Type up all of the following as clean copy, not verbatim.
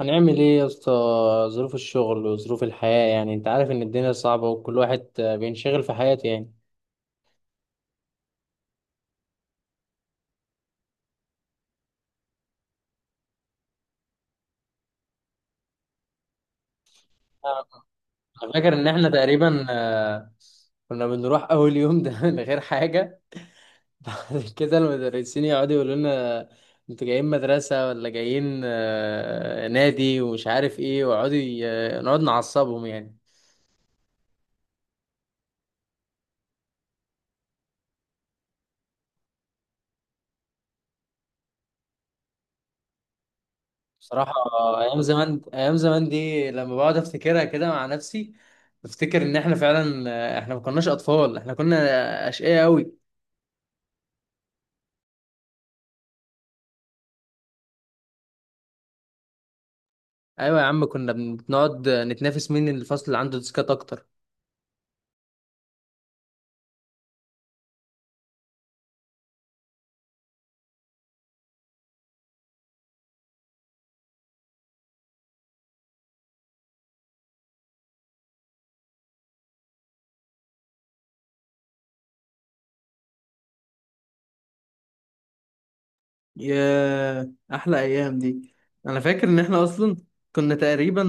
هنعمل ايه يا اسطى؟ ظروف الشغل وظروف الحياة، يعني انت عارف ان الدنيا صعبة، وكل واحد بينشغل في حياته يعني. انا فاكر ان احنا تقريبا كنا بنروح اول يوم ده من غير حاجة. بعد كده المدرسين يقعدوا يقولوا لنا انتوا جايين مدرسة ولا جايين نادي، ومش عارف ايه، ويقعدوا نقعد نعصبهم يعني. بصراحة، أيام زمان، أيام زمان دي لما بقعد أفتكرها كده مع نفسي بفتكر إن إحنا فعلا إحنا ما كناش أطفال، إحنا كنا أشقياء أوي. أيوة يا عم، كنا بنقعد نتنافس مين الفصل اللي عنده ديسكات أكتر. يا احلى ايام دي! انا فاكر ان احنا اصلا كنا تقريبا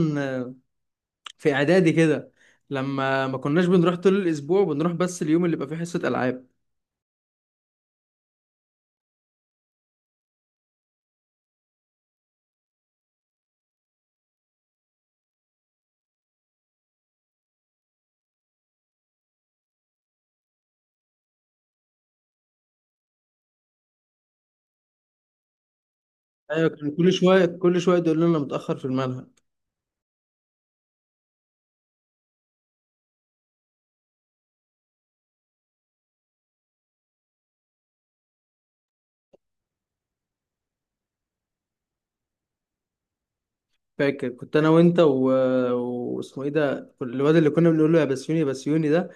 في اعدادي كده، لما ما كناش بنروح طول الاسبوع، بنروح بس اليوم اللي بيبقى فيه حصة العاب. ايوه، كان كل شوية كل شوية يقول لنا متأخر في المنهج. فاكر كنت انا وانت واسمه ايه ده الواد اللي كنا بنقول له يا بسيوني يا بسيوني ده،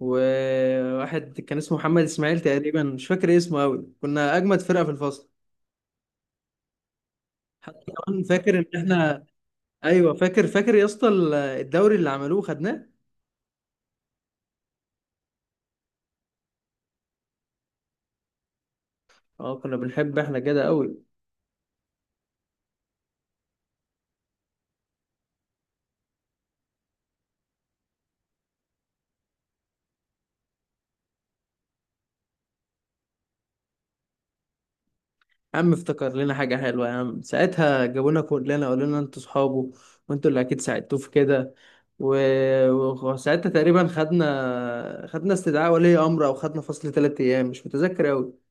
وواحد كان اسمه محمد اسماعيل تقريبا، مش فاكر إيه اسمه قوي، كنا اجمد فرقه في الفصل. حتى كمان فاكر ان احنا، ايوه فاكر يا اسطى الدوري اللي عملوه خدناه. اه، كنا بنحب احنا كده قوي. يا عم، افتكر لنا حاجة حلوة يا عم، ساعتها جابونا كلنا قالوا لنا انتوا صحابه، وانتوا اللي اكيد ساعدتوه في كده و- وساعتها تقريبا خدنا استدعاء ولي امر، او خدنا فصل 3 ايام، مش متذكر اوي.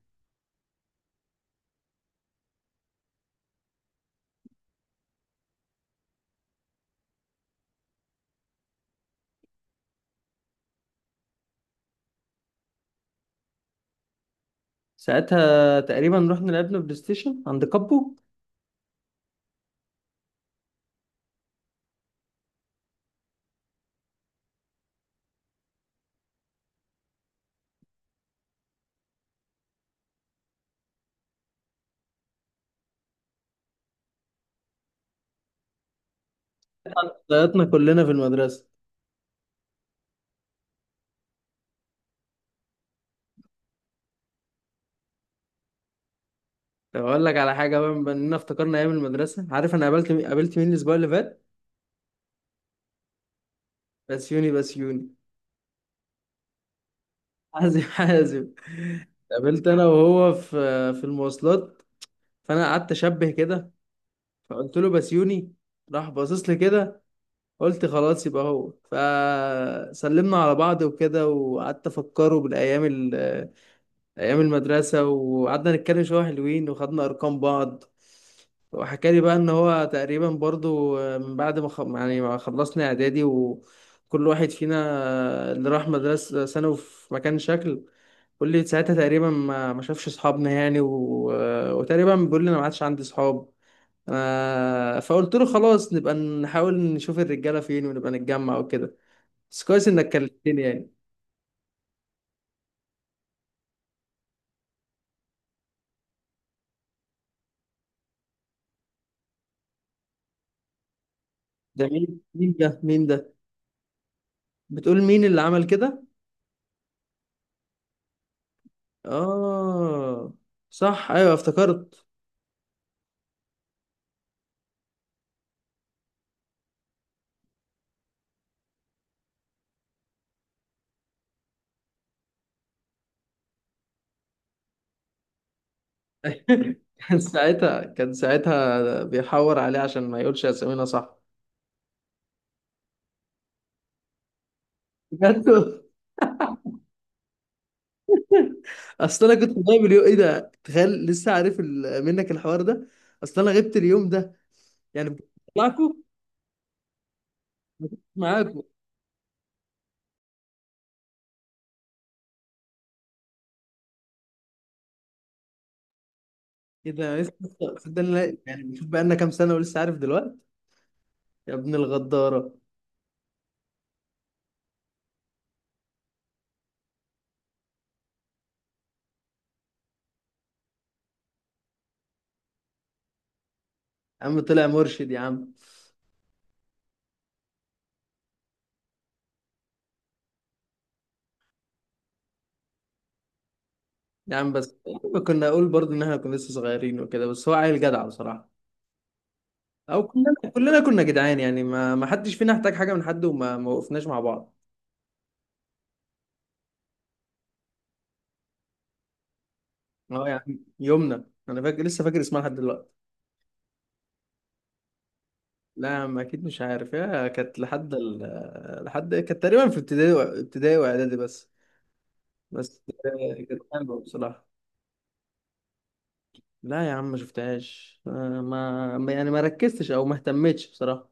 ساعتها تقريبا رحنا لعبنا بلاي ستيشن عند كابو. ضيعتنا كلنا في المدرسة. طب اقول لك على حاجة بقى، بما اننا افتكرنا ايام المدرسة، عارف انا قابلت مين؟ قابلت مين الاسبوع اللي فات؟ بسيوني، بسيوني. حازم، حازم. قابلت انا وهو في المواصلات. فانا قعدت اشبه كده، فقلت له بسيوني، راح باصص لي كده، قلت خلاص يبقى هو، فسلمنا على بعض وكده، وقعدت افكره بالايام ايام المدرسه، وقعدنا نتكلم شويه حلوين، وخدنا ارقام بعض. وحكى لي بقى ان هو تقريبا برضو من بعد ما خ... يعني ما خلصنا اعدادي، وكل واحد فينا اللي راح مدرسه ثانوي في مكان شكل، بيقول لي ساعتها تقريبا ما شافش اصحابنا يعني وتقريبا بيقول لي انا ما عادش عندي اصحاب. فقلت له خلاص، نبقى نحاول نشوف الرجاله فين ونبقى نتجمع وكده، بس كويس انك كلمتني يعني. ده مين، ده مين ده؟ بتقول مين اللي عمل كده؟ اه، صح، ايوه افتكرت. كان ساعتها بيحور عليه عشان ما يقولش اسامينا، صح. بجد. اصل انا كنت غايب اليوم، ايه ده، تخيل لسه عارف منك الحوار ده، اصل انا غبت اليوم ده يعني. بطلعكوا معاكم. ايه ده يا اسطى، صدقني يعني، شوف بقى لنا كام سنه ولسه عارف دلوقتي. يا ابن الغداره. يا عم طلع مرشد يا عم. يا عم بس، كنا اقول برضو ان احنا كنا لسه صغيرين وكده، بس هو عيل جدع بصراحه. او كلنا كنا جدعان يعني، ما حدش فينا احتاج حاجه من حد، وما ما وقفناش مع بعض. اه يا عم، يومنا، انا فاكر لسه فاكر اسمها لحد دلوقتي. لا يا عم، اكيد مش عارف، يا كانت لحد كانت تقريبا في ابتدائي ابتدائي واعدادي بس. بس كانت حلوه بصراحه. لا يا عم ما شفتهاش يعني ما ركزتش او ما اهتمتش بصراحه.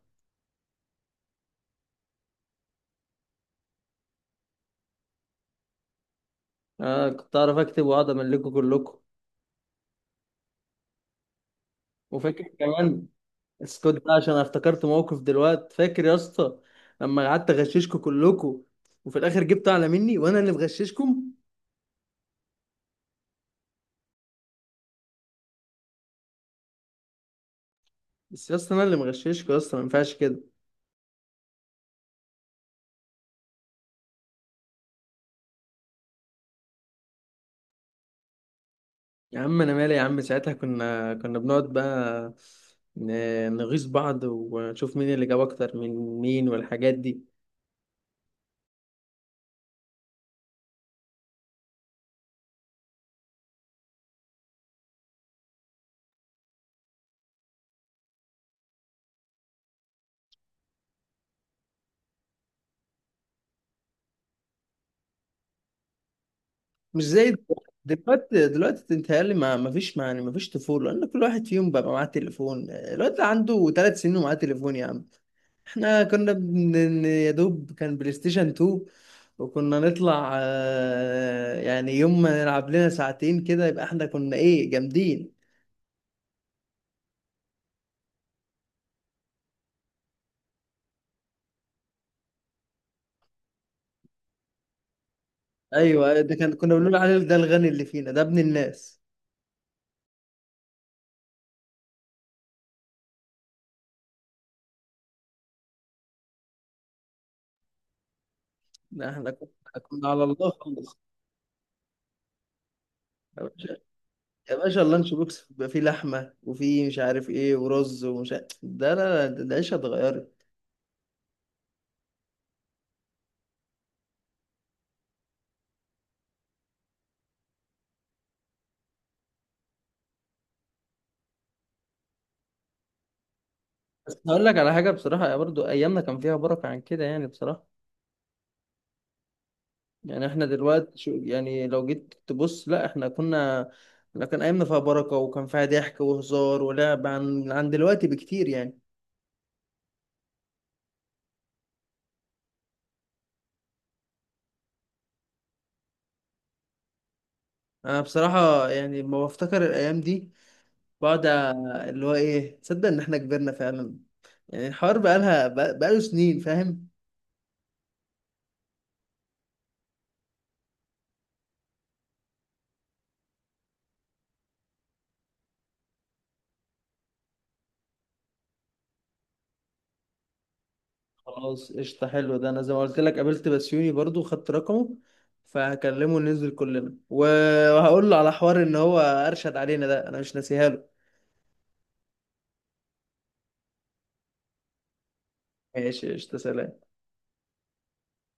آه، كنت اعرف اكتب واقعد املكه كلكم. وفاكر كمان، اسكت بقى عشان أنا افتكرت موقف دلوقتي، فاكر يا اسطى لما قعدت اغششكم كلكم، وفي الاخر جبت اعلى مني وانا اللي مغششكم؟ بس يا اسطى، انا اللي مغششكم يا اسطى، ما ينفعش كده. يا عم انا مالي، يا عم ساعتها كنا بنقعد بقى نغيظ بعض، ونشوف مين اللي جاب اكتر من مين والحاجات دي. مش زي دلوقتي. دلوقتي بتهيألي ما فيش، يعني ما فيش طفولة، لأن كل واحد فيهم بقى معاه تليفون، الواد ده عنده 3 سنين ومعاه تليفون يا عم. احنا كنا يا دوب كان بلاي ستيشن 2، وكنا نطلع يعني يوم ما نلعب لنا ساعتين كده يبقى احنا كنا ايه، جامدين. ايوه، أيوة، ده كان، كنا بنقول عليه ده الغني اللي فينا، ده ابن الناس. احنا كنا على الله خالص. يا باشا، اللانش بوكس بيبقى فيه لحمة وفيه مش عارف ايه ورز ومش عارف ده، لا لا، ده العيشة اتغيرت. بس هقول لك على حاجة بصراحة، يا برضو أيامنا كان فيها بركة عن كده يعني، بصراحة. يعني احنا دلوقتي، شو يعني لو جيت تبص، لا احنا كنا، لا كان أيامنا فيها بركة، وكان فيها ضحك وهزار ولعب عن دلوقتي بكتير يعني. أنا بصراحة يعني لما بفتكر الأيام دي بقعد، اللي هو ايه، تصدق إن احنا كبرنا فعلا؟ يعني الحوار بقالها، بقاله سنين، فاهم. خلاص قشطة، حلو ده. أنا زي ما قلت لك قابلت بسيوني برضو، خدت رقمه، فهكلمه ننزل كلنا، وهقول له على حوار إن هو أرشد علينا، ده أنا مش ناسيها له. ماشي قشطة، سلام.